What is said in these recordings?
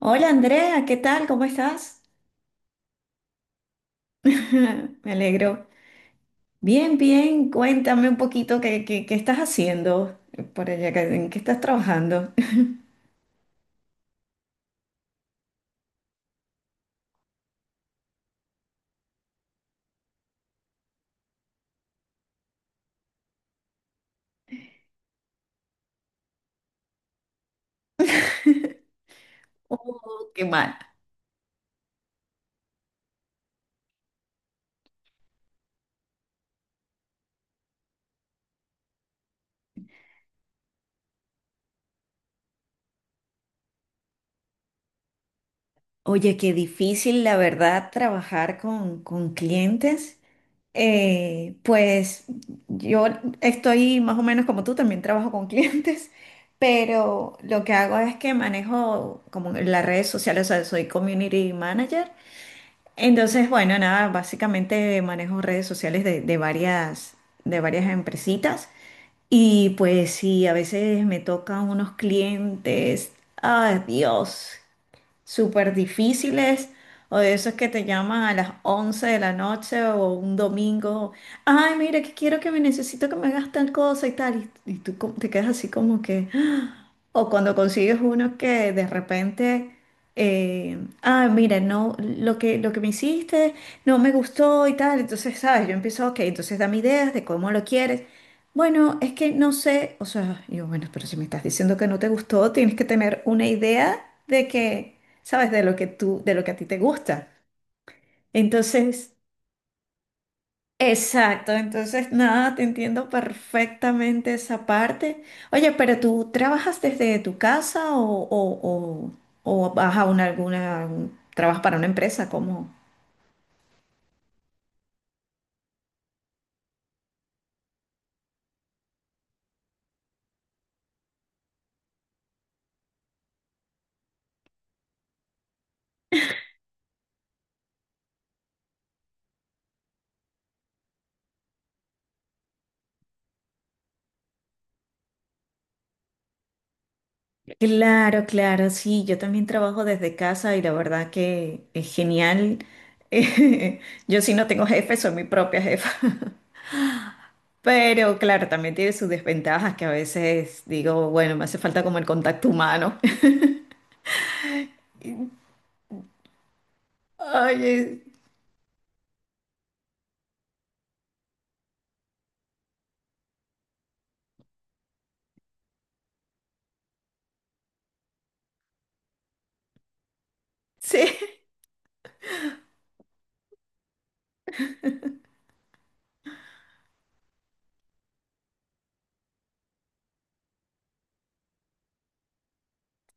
Hola Andrea, ¿qué tal? ¿Cómo estás? Me alegro. Bien, bien. Cuéntame un poquito qué estás haciendo por allá, en qué estás trabajando. Oh, qué mal. Oye, qué difícil, la verdad, trabajar con clientes. Pues yo estoy más o menos como tú, también trabajo con clientes, pero lo que hago es que manejo como las redes sociales, o sea, soy community manager. Entonces, bueno, nada, básicamente manejo redes sociales de varias empresitas y pues sí, a veces me tocan unos clientes, ay Dios, súper difíciles o de esos que te llaman a las 11 de la noche o un domingo, ay, mira, que quiero que me necesito que me hagas tal cosa y tal, y tú te quedas así como que, ¡ah! O cuando consigues uno que de repente... Eh, Mira, no, lo que me hiciste no me gustó y tal, entonces, ¿sabes? Yo empiezo, ok, entonces dame ideas de cómo lo quieres. Bueno, es que no sé, o sea, yo, bueno, pero si me estás diciendo que no te gustó, tienes que tener una idea de que ¿sabes? De lo que tú, de lo que a ti te gusta. Entonces, exacto, entonces nada, te entiendo perfectamente esa parte. Oye, pero ¿tú trabajas desde tu casa o, o, o vas a una, alguna, trabajas para una empresa? ¿Cómo? Claro, claro, sí, yo también trabajo desde casa y la verdad que es genial. Yo sí no tengo jefe, soy mi propia jefa. Pero claro, también tiene sus desventajas que a veces digo, bueno, me hace falta como el contacto humano. Oye, sí,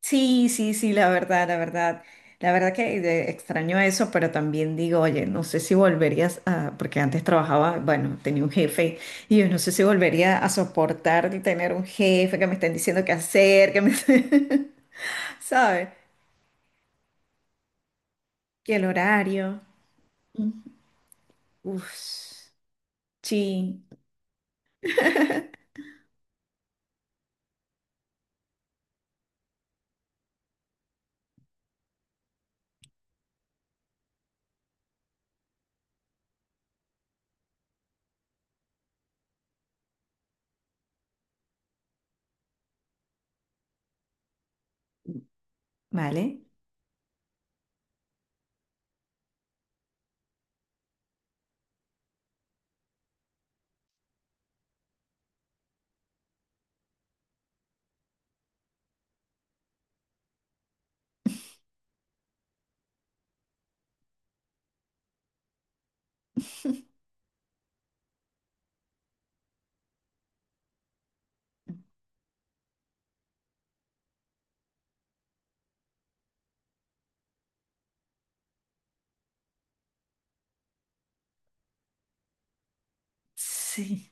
sí, sí, sí, la verdad, la verdad. La verdad que extraño eso, pero también digo, oye, no sé si volverías a, porque antes trabajaba, bueno, tenía un jefe, y yo no sé si volvería a soportar el tener un jefe que me estén diciendo qué hacer, que me, ¿sabes? Que el horario. Mm, Uf, sí, ¿vale? Sí.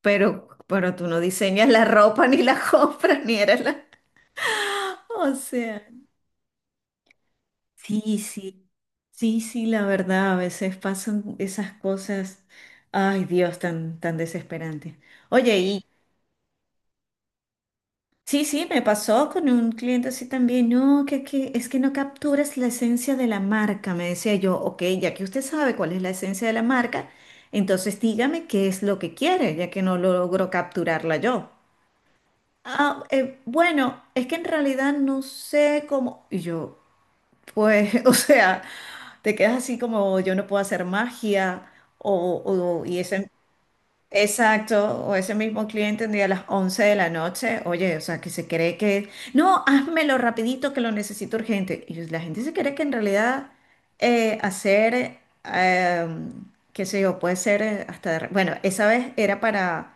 Pero tú no diseñas la ropa, ni la compras, ni eres la... O sea, sí, sí, sí, sí, la verdad, a veces pasan esas cosas, ay Dios, tan, tan desesperantes. Oye, y sí, sí, me pasó con un cliente así también, no, que es que no capturas la esencia de la marca, me decía yo, ok, ya que usted sabe cuál es la esencia de la marca, entonces dígame qué es lo que quiere, ya que no logro capturarla yo. Ah, bueno, es que en realidad no sé cómo. Y yo, pues, o sea, te quedas así como yo no puedo hacer magia o, y esa exacto, o ese mismo cliente un día a las 11 de la noche, oye, o sea, que se cree que, no, házmelo rapidito que lo necesito urgente. Y la gente se cree que en realidad eh, hacer, eh, qué sé yo, puede ser hasta, bueno, esa vez era para,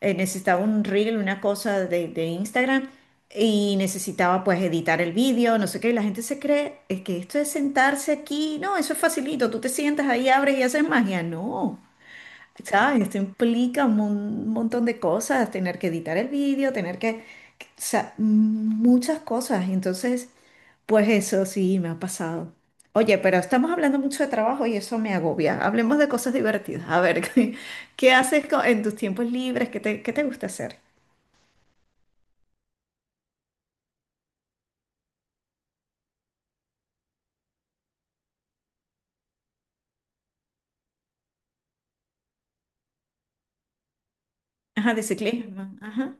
necesitaba un reel, una cosa de Instagram y necesitaba pues editar el vídeo, no sé qué, y la gente se cree que esto es sentarse aquí, no, eso es facilito, tú te sientas ahí, abres y haces magia, no. ¿Sabes? Esto implica un montón de cosas, tener que editar el vídeo, tener que, o sea, muchas cosas. Entonces, pues eso sí me ha pasado. Oye, pero estamos hablando mucho de trabajo y eso me agobia. Hablemos de cosas divertidas. A ver, ¿qué, qué haces en tus tiempos libres? Qué te gusta hacer? Ajá, de ciclismo. Ajá,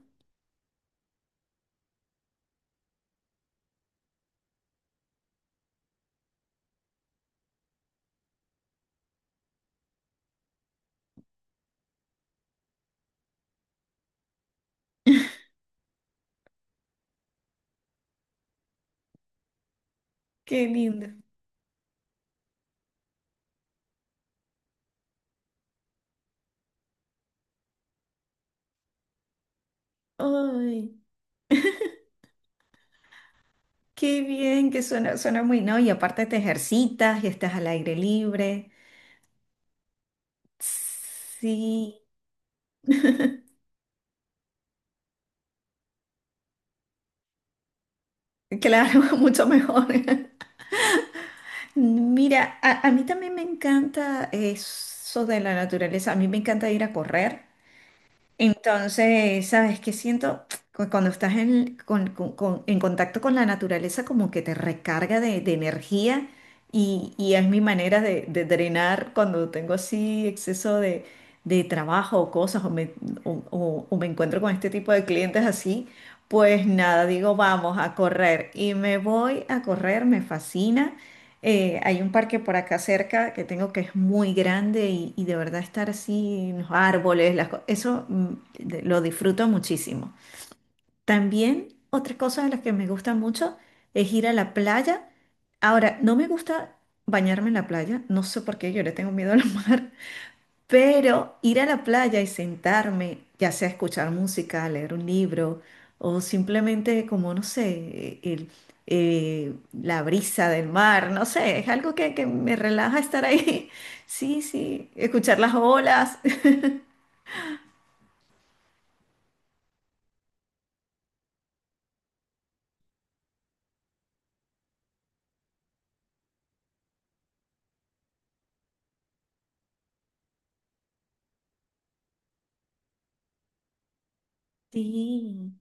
qué lindo. Ay, qué bien que suena, suena muy, ¿no? Y aparte te ejercitas y estás al aire libre. Sí. Claro, mucho mejor. Mira, a mí también me encanta eso de la naturaleza. A mí me encanta ir a correr. Entonces, ¿sabes qué siento? Cuando estás en, en contacto con la naturaleza, como que te recarga de energía y es mi manera de drenar cuando tengo así exceso de trabajo o cosas o me, o me encuentro con este tipo de clientes así, pues nada, digo, vamos a correr y me voy a correr, me fascina. Hay un parque por acá cerca que tengo que es muy grande y de verdad estar así en los árboles, eso mm, lo disfruto muchísimo. También otra cosa de las que me gusta mucho es ir a la playa. Ahora, no me gusta bañarme en la playa, no sé por qué, yo le tengo miedo al mar, pero ir a la playa y sentarme, ya sea a escuchar música, a leer un libro o simplemente como, no sé, la brisa del mar, no sé, es algo que me relaja estar ahí. Sí, sí, escuchar las olas. Sí,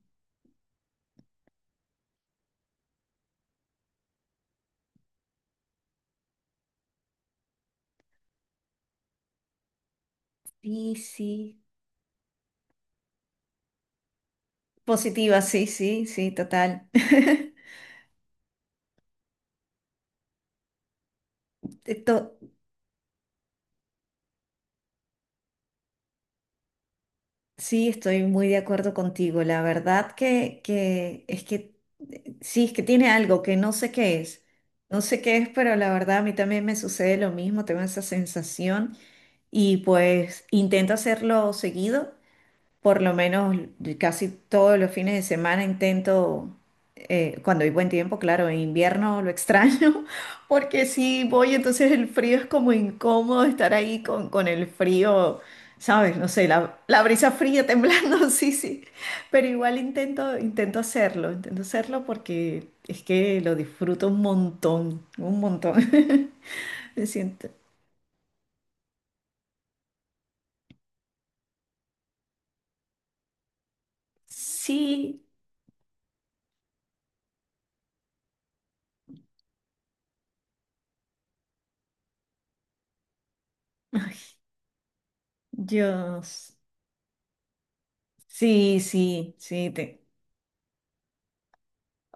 sí, sí. Positiva, sí, sí, sí, total. To- sí, estoy muy de acuerdo contigo. La verdad que es que sí, es que tiene algo que no sé qué es. No sé qué es, pero la verdad a mí también me sucede lo mismo, tengo esa sensación y pues intento hacerlo seguido por lo menos casi todos los fines de semana intento, cuando hay buen tiempo, claro, en invierno lo extraño, porque si voy, entonces el frío es como incómodo estar ahí con el frío, ¿sabes? No sé, la brisa fría temblando, sí, sí, pero igual intento, intento hacerlo porque es que lo disfruto un montón, un montón. Me siento. Sí, ay, Dios. Sí, sí, sí, te-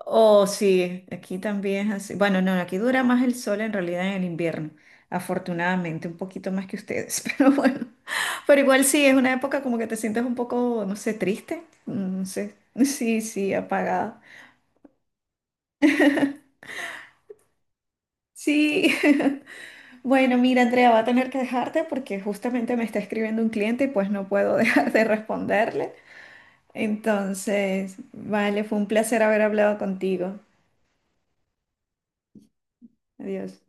oh, sí, aquí también es así. Bueno, no, aquí dura más el sol en realidad en el invierno, afortunadamente, un poquito más que ustedes, pero bueno, pero igual sí, es una época como que te sientes un poco, no sé, triste, no sé, sí, sí, apagada. Sí, bueno, mira, Andrea, va a tener que dejarte porque justamente me está escribiendo un cliente y pues no puedo dejar de responderle. Entonces, vale, fue un placer haber hablado contigo. Adiós.